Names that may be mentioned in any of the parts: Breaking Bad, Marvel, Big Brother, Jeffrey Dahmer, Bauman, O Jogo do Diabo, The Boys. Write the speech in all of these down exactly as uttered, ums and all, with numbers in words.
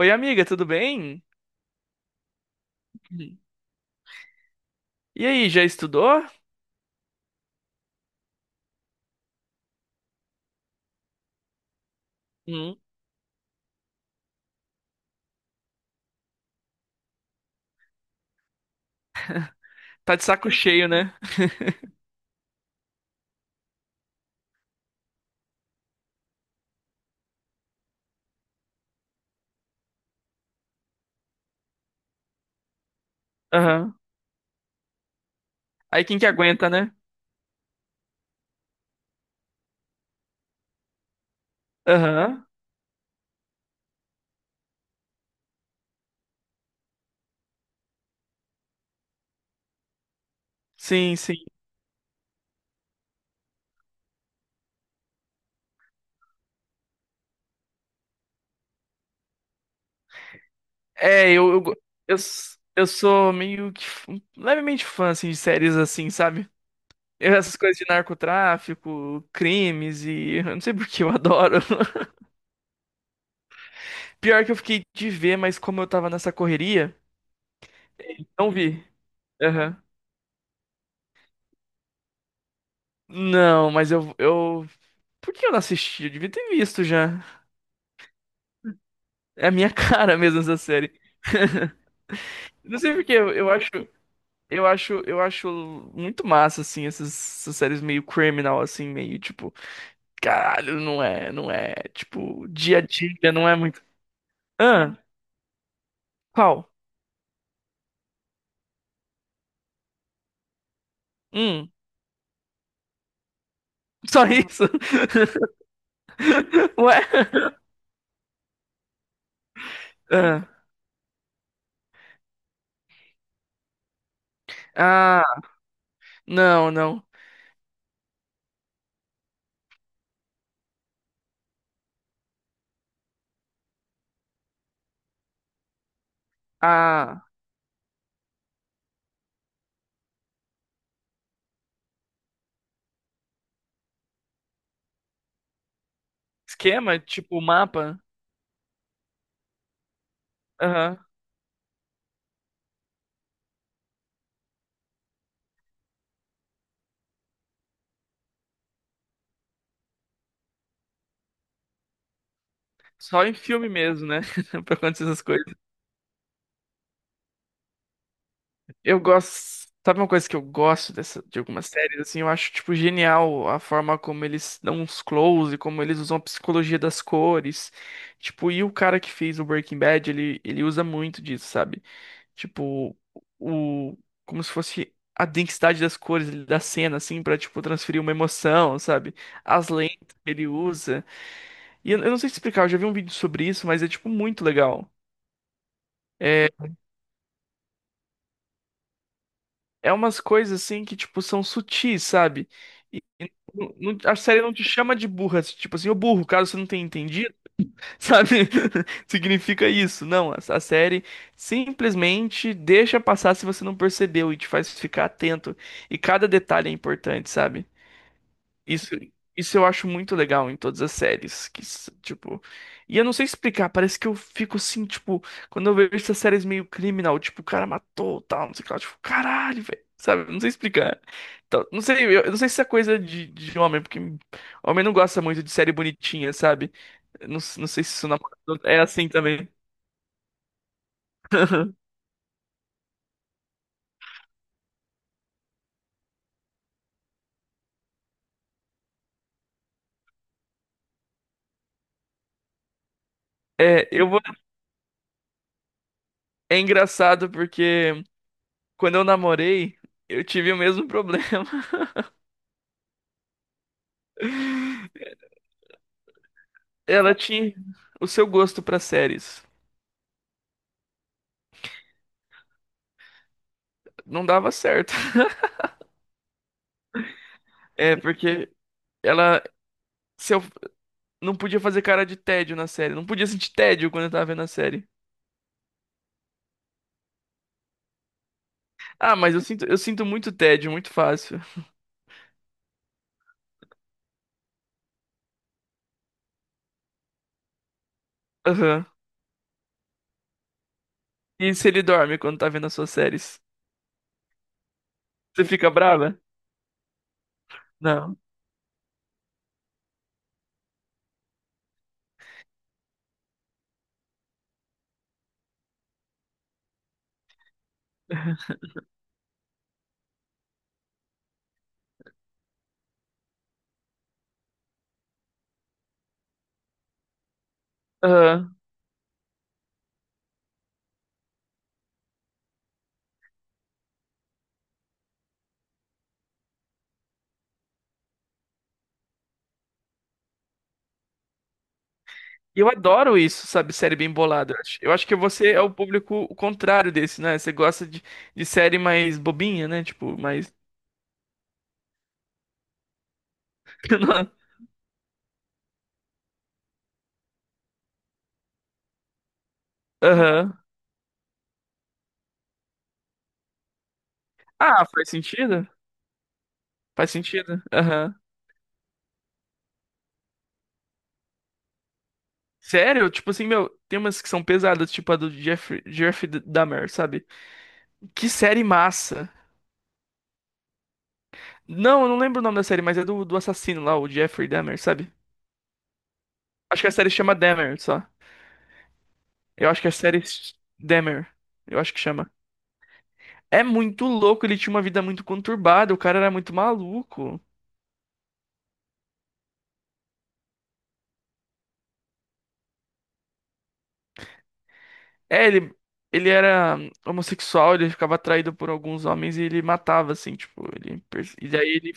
Oi, amiga, tudo bem? Uhum. E aí, já estudou? Uhum. Tá de saco cheio, né? Aham. Aí quem que aguenta, né? Aham. Sim, sim. É, eu, eu, go- eu, s- eu sou meio que f- um, levemente fã, assim, de séries assim, sabe? Eu, essas coisas de narcotráfico, crimes e... Eu não sei por que eu adoro. Pior que eu fiquei de ver, mas como eu tava nessa correria, não vi. Aham. Não, mas eu, eu... Por que eu não assisti? Eu devia ter visto já. É a minha cara mesmo essa série. Não sei por quê, eu eu acho, eu acho, eu acho muito massa assim essas, essas séries meio criminal assim, meio tipo, caralho, não é, não é, tipo, dia a dia não é muito. Ah, qual? Hum, só isso? Ué? Ah, ah, não, não. Ah, esquema, tipo, mapa. Aham. Só em filme mesmo, né? Pra acontecer essas coisas. Eu gosto. Sabe uma coisa que eu gosto dessa, de algumas séries, assim, eu acho, tipo, genial a forma como eles dão uns close, como eles usam a psicologia das cores. Tipo, e o cara que fez o Breaking Bad, ele, ele usa muito disso, sabe? Tipo, o, como se fosse a densidade das cores da cena, assim, pra, tipo, transferir uma emoção, sabe? As lentes que ele usa. E eu, eu não sei te explicar, eu já vi um vídeo sobre isso, mas é, tipo, muito legal. É, é umas coisas, assim, que, tipo, são sutis, sabe? Não- não- a série não te chama de burra, tipo assim, ô burro, caso você não tenha entendido, sabe? Significa isso. Não, a, a série simplesmente deixa passar se você não percebeu e te faz ficar atento. E cada detalhe é importante, sabe? Isso, isso eu acho muito legal em todas as séries, que, s- tipo, e eu não sei explicar, parece que eu fico assim, tipo, quando eu vejo essas séries meio criminal, tipo, o cara matou, tal, não sei o que lá, tipo, caralho, velho, sabe? Não sei explicar. Então, não sei, eu, eu não sei se é coisa de, de homem, porque homem não gosta muito de série bonitinha, sabe? Eu não, s- não sei se isso na- é assim também. É, eu vou. É engraçado porque quando eu namorei, eu tive o mesmo problema. Ela tinha o seu gosto pra séries. Não dava certo. É, porque ela se eu, não podia fazer cara de tédio na série. Não podia sentir tédio quando eu tava vendo a série. Ah, mas eu sinto, eu sinto muito tédio, muito fácil. Aham. E se ele dorme quando tá vendo as suas séries? Você fica brava? Não. Aham. E eu adoro isso, sabe? Série bem bolada. Eu acho eu acho que você é o público o contrário desse, né? Você gosta de, de série mais bobinha, né? Tipo, mais. Aham. Ah, faz sentido? Faz sentido. Aham. Sério? Tipo assim, meu, tem umas que são pesadas, tipo a do Jeff, Jeff Dahmer, sabe? Que série massa. Não, eu não lembro o nome da série, mas é do, do assassino lá, o Jeffrey Dahmer, sabe? Acho que a série chama Dahmer, só. Eu acho que a série s- Dahmer. Eu acho que chama. É muito louco, ele tinha uma vida muito conturbada, o cara era muito maluco. É, ele, ele era homossexual, ele ficava atraído por alguns homens e ele matava, assim, tipo, ele, pers- e daí ele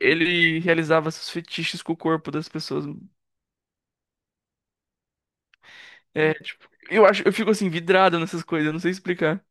ele realizava seus fetiches com o corpo das pessoas. É, tipo, eu acho, eu fico assim, vidrado nessas coisas, eu não sei explicar.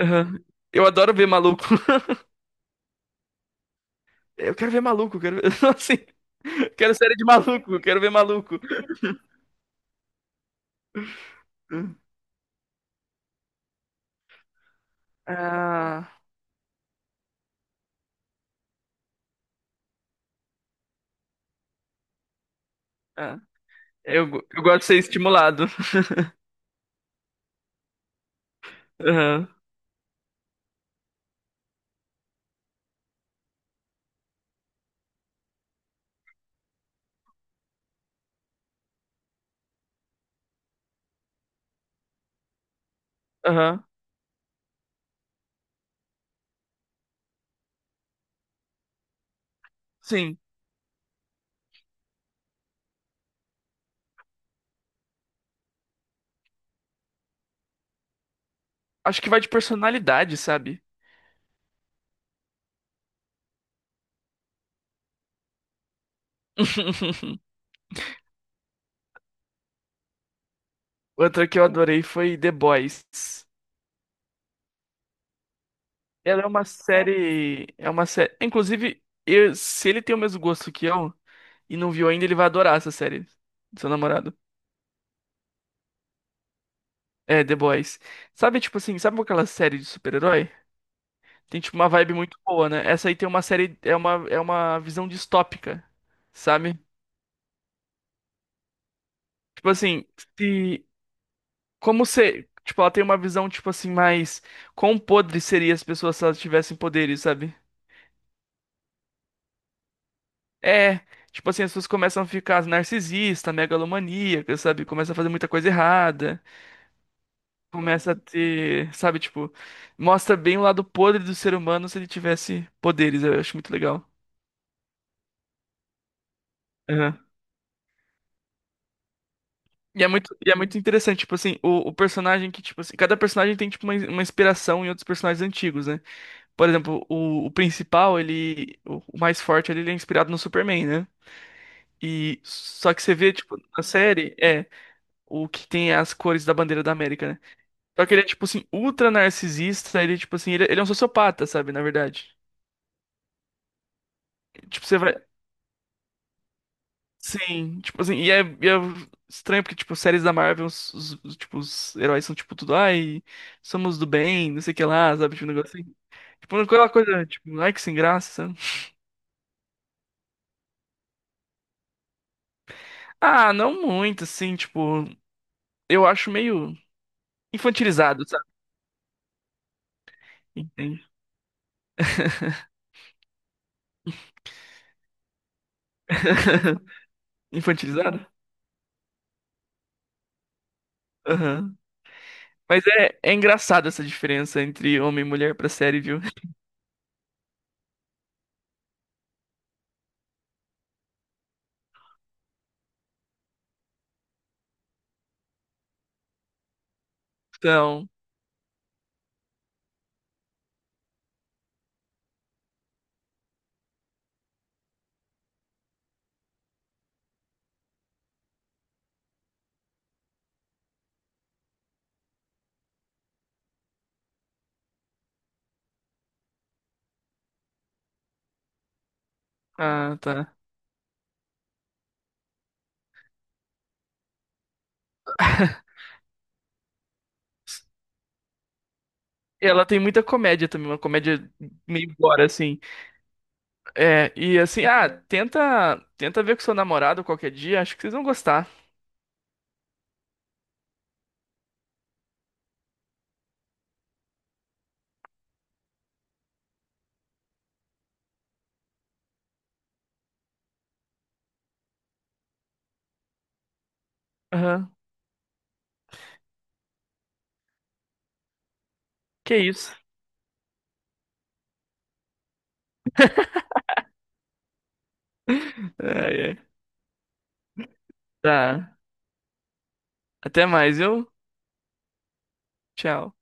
Aham. Eu adoro ver maluco. Eu quero ver maluco, eu quero ver, assim, quero série de maluco, eu quero ver maluco. Ah, ah. Eu, go- eu gosto de ser estimulado. Aham, aham. Sim, acho que vai de personalidade, sabe? Outra que eu adorei foi The Boys. Ela é uma série. É uma série. Inclusive, eu- se ele tem o mesmo gosto que eu e não viu ainda, ele vai adorar essa série. Seu namorado. É, The Boys. Sabe, tipo assim, sabe aquela série de super-herói? Tem, tipo, uma vibe muito boa, né? Essa aí tem uma série. É uma, é uma visão distópica, sabe? Tipo assim, se. Como se tipo, ela tem uma visão, tipo assim, mais. Quão podre seria as pessoas se elas tivessem poderes, sabe? É, tipo assim, as pessoas começam a ficar narcisista, megalomaníaca, sabe? Começa a fazer muita coisa errada, começa a ter, sabe, tipo, mostra bem o lado podre do ser humano se ele tivesse poderes, eu acho muito legal. Aham. E é muito, e é muito interessante, tipo assim, o, o personagem que, tipo assim, cada personagem tem, tipo, uma, uma inspiração em outros personagens antigos, né? Por exemplo, o, o principal, ele, o, o mais forte, ele, ele é inspirado no Superman, né? E só que você vê, tipo, na série, é, o que tem as cores da bandeira da América, né? Só que ele é, tipo assim, ultra narcisista, ele, tipo assim, ele, ele é um sociopata, sabe, na verdade. Tipo, você vai. Sim, tipo assim, e é, e é estranho porque, tipo, séries da Marvel, os, os- os, tipo, os heróis são, tipo, tudo, ai, somos do bem, não sei o que lá, sabe, tipo, um negócio assim. Tipo, aquela coisa, tipo, ai, que sem graça, sabe? Ah, não muito, assim, tipo, eu acho meio infantilizado, sabe? Entende? Infantilizado? Aham. Mas é, é engraçado essa diferença entre homem e mulher pra série, viu? Então, ah, tá. Ela tem muita comédia também, uma comédia meio gore, assim. É, e assim, ah, tenta, tenta ver com seu namorado qualquer dia, acho que vocês vão gostar. Aham, que isso. Ai, ai. Tá, até mais, viu? Tchau.